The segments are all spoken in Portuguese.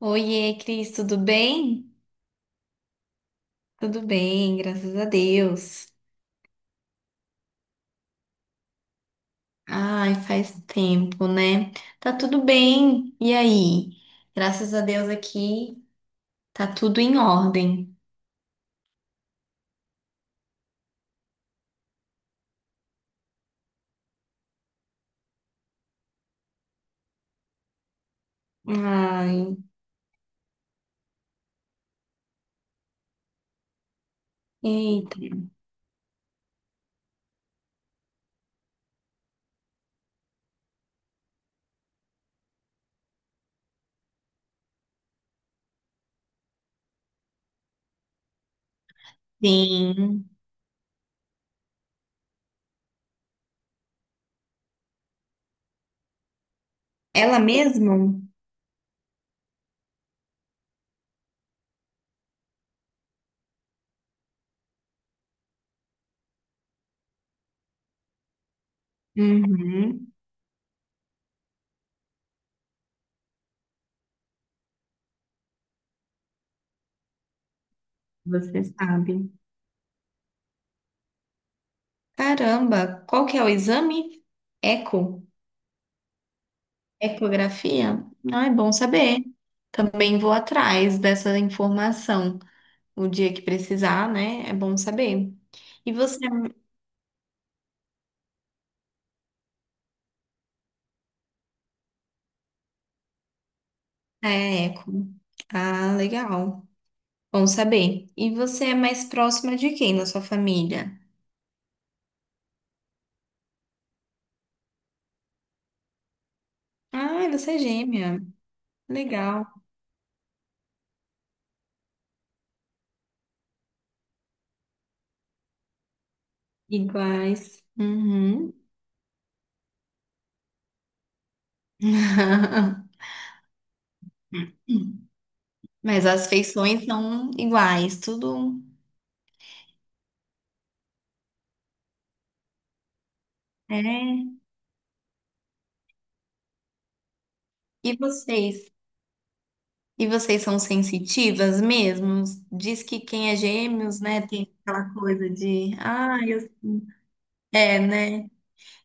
Oiê, Cris, tudo bem? Tudo bem, graças a Deus. Ai, faz tempo, né? Tá tudo bem. E aí? Graças a Deus aqui tá tudo em ordem. Ai, eita. Sim. Ela mesmo? Uhum, você sabe. Caramba, qual que é o exame? Eco? Ecografia? Ah, é bom saber. Também vou atrás dessa informação. O dia que precisar, né? É bom saber. E você é eco. Ah, legal. Bom saber. E você é mais próxima de quem na sua família? Ah, você é gêmea. Legal. Iguais. Uhum. Mas as feições são iguais, tudo. É. E vocês? E vocês são sensitivas mesmo? Diz que quem é gêmeos, né, tem aquela coisa de, ah, eu... É, né?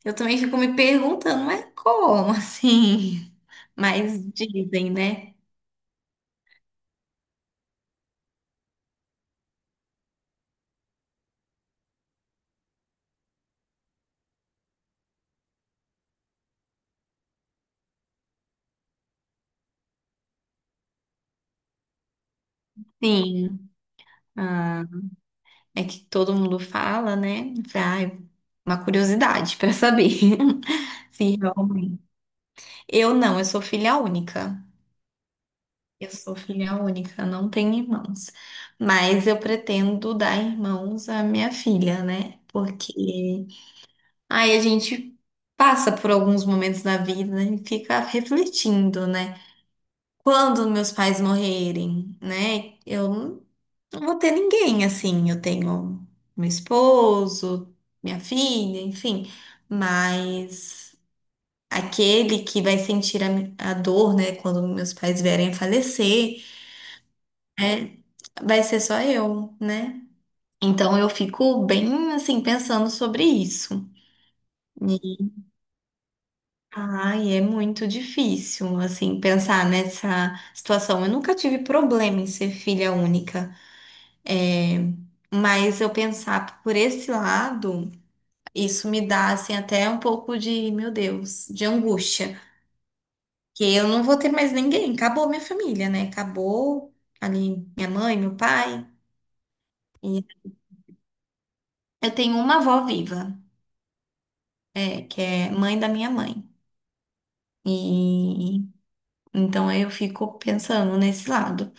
Eu também fico me perguntando, mas como assim? Mas dizem, né? Sim. Ah, é que todo mundo fala, né? Eu falei, ai, uma curiosidade para saber se realmente. Eu não, eu sou filha única. Eu sou filha única, não tenho irmãos. Mas eu pretendo dar irmãos à minha filha, né? Porque aí a gente passa por alguns momentos da vida e fica refletindo, né? Quando meus pais morrerem, né? Eu não vou ter ninguém assim. Eu tenho meu esposo, minha filha, enfim. Mas aquele que vai sentir a, a dor, né? Quando meus pais vierem a falecer, né? Vai ser só eu, né? Então eu fico bem assim pensando sobre isso. E ai, é muito difícil assim pensar nessa situação. Eu nunca tive problema em ser filha única. Mas eu pensar por esse lado, isso me dá assim até um pouco de, meu Deus, de angústia, que eu não vou ter mais ninguém, acabou minha família, né? Acabou ali minha mãe, meu pai, e eu tenho uma avó viva, é, que é mãe da minha mãe. E então eu fico pensando nesse lado.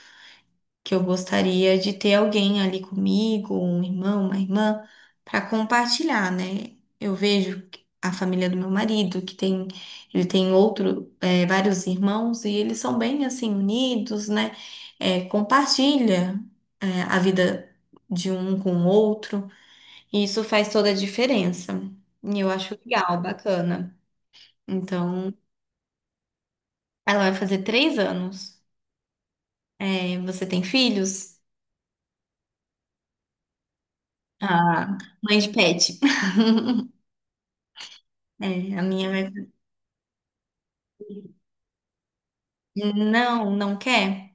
Que eu gostaria de ter alguém ali comigo, um irmão, uma irmã, para compartilhar, né? Eu vejo que a família do meu marido, que tem, ele tem outro, vários irmãos, e eles são bem assim unidos, né? Compartilha, a vida de um com o outro, e isso faz toda a diferença. E eu acho legal, bacana. Então, ela vai fazer 3 anos. Você tem filhos? Ah, mãe de pet. É, a minha vai... falar, não, não quer.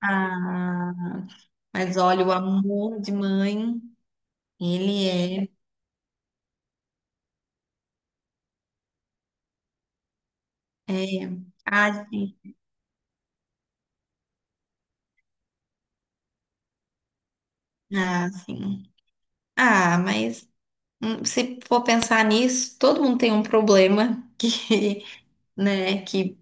Ah, mas olha, o amor de mãe, ele é, é... Ah, sim. Ah, sim. Ah, mas se for pensar nisso, todo mundo tem um problema que, né, que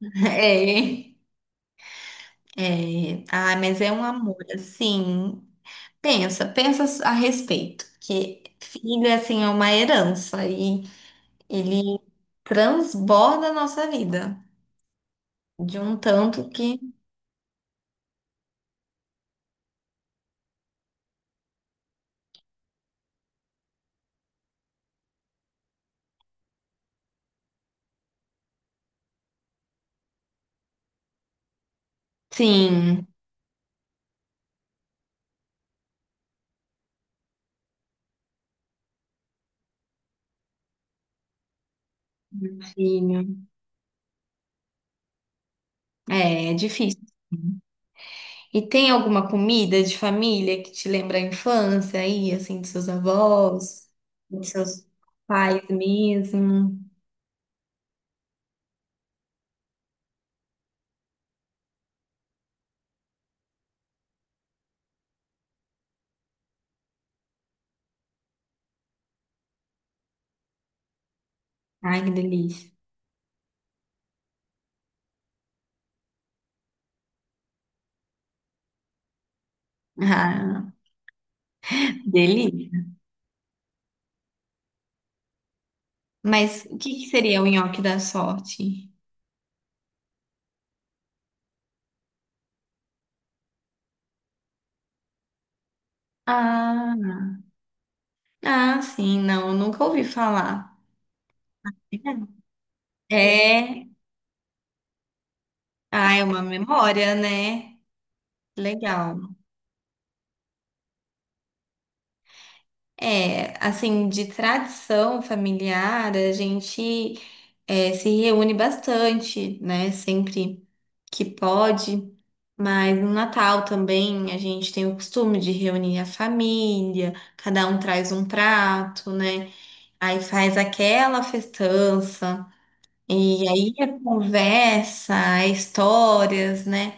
é, é... Ah, mas é um amor, assim, pensa, pensa a respeito, que filho, assim, é uma herança e ele transborda a nossa vida. De um tanto que. Sim, filho. É, é difícil. E tem alguma comida de família que te lembra a infância aí, assim, dos seus avós, dos seus pais mesmo? Ai, que delícia. Ah, delícia. Mas o que que seria o nhoque da sorte? Ah, ah, sim, não, nunca ouvi falar. É, ah, é uma memória, né? Legal. É, assim, de tradição familiar, a gente é, se reúne bastante, né? Sempre que pode. Mas no Natal também a gente tem o costume de reunir a família, cada um traz um prato, né? Aí faz aquela festança, e aí é conversa, é histórias, né?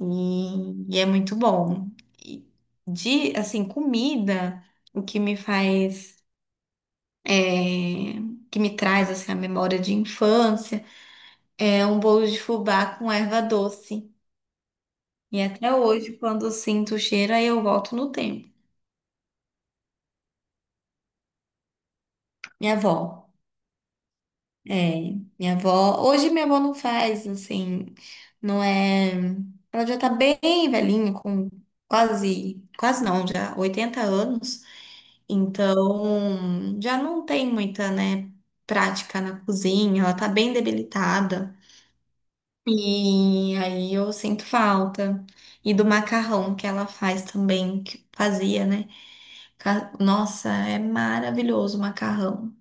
E é muito bom. E de, assim, comida, o que me faz é, que me traz assim, a memória de infância, é um bolo de fubá com erva doce. E até hoje, quando eu sinto o cheiro, aí eu volto no tempo. Minha avó, é, minha avó, hoje minha avó não faz, assim, não é, ela já tá bem velhinha, com quase, quase não, já 80 anos, então já não tem muita, né, prática na cozinha, ela tá bem debilitada. E aí eu sinto falta. E do macarrão que ela faz também, que fazia, né? Nossa, é maravilhoso o macarrão.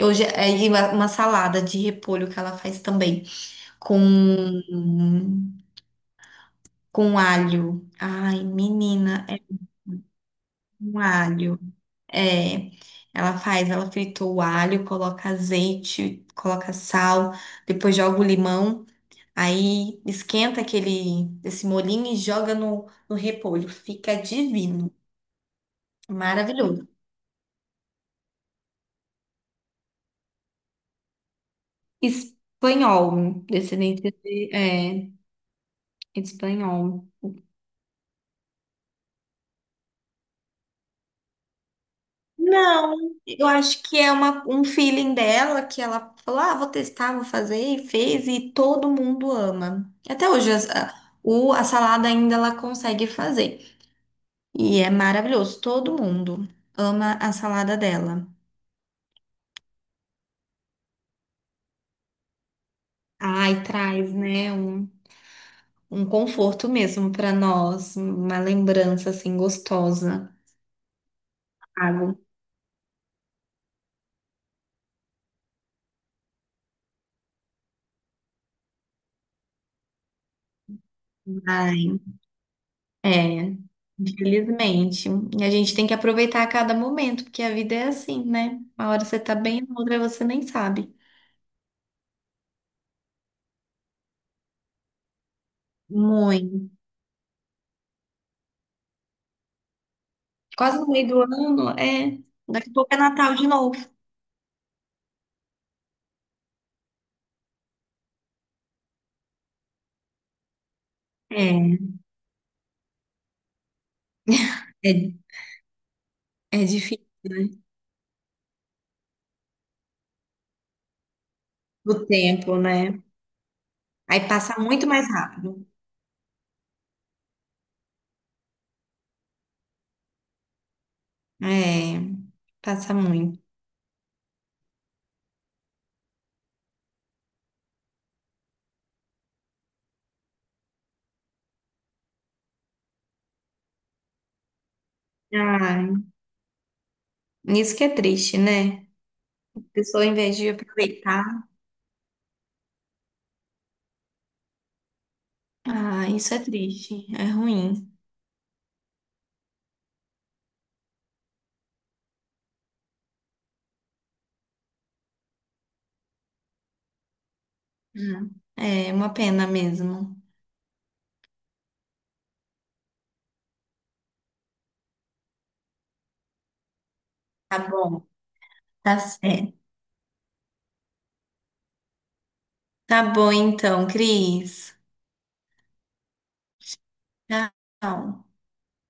Hoje é e uma salada de repolho que ela faz também, com, com alho. Ai, menina, é um alho. É, ela faz, ela frita o alho, coloca azeite, coloca sal, depois joga o limão. Aí esquenta aquele esse molinho e joga no repolho. Fica divino, maravilhoso. Espanhol, descendente de, é, espanhol. Não, eu acho que é uma, um feeling dela que ela falou: ah, vou testar, vou fazer, e fez, e todo mundo ama. Até hoje, a salada ainda ela consegue fazer. E é maravilhoso, todo mundo ama a salada dela. Ai, traz, né? Um conforto mesmo para nós, uma lembrança assim gostosa. Pago. Ai, é, infelizmente. E a gente tem que aproveitar a cada momento, porque a vida é assim, né? Uma hora você tá bem, na outra você nem sabe. Muito. Quase no meio do ano, é. Daqui a pouco é Natal de novo. É, é, é difícil, né? O tempo, né? Aí passa muito mais rápido. É, passa muito. Ai, isso que é triste, né? A pessoa, em vez de aproveitar. Ah, isso é triste, é ruim. É uma pena mesmo. Tá bom, tá certo. Tá bom então, Cris. Tchau.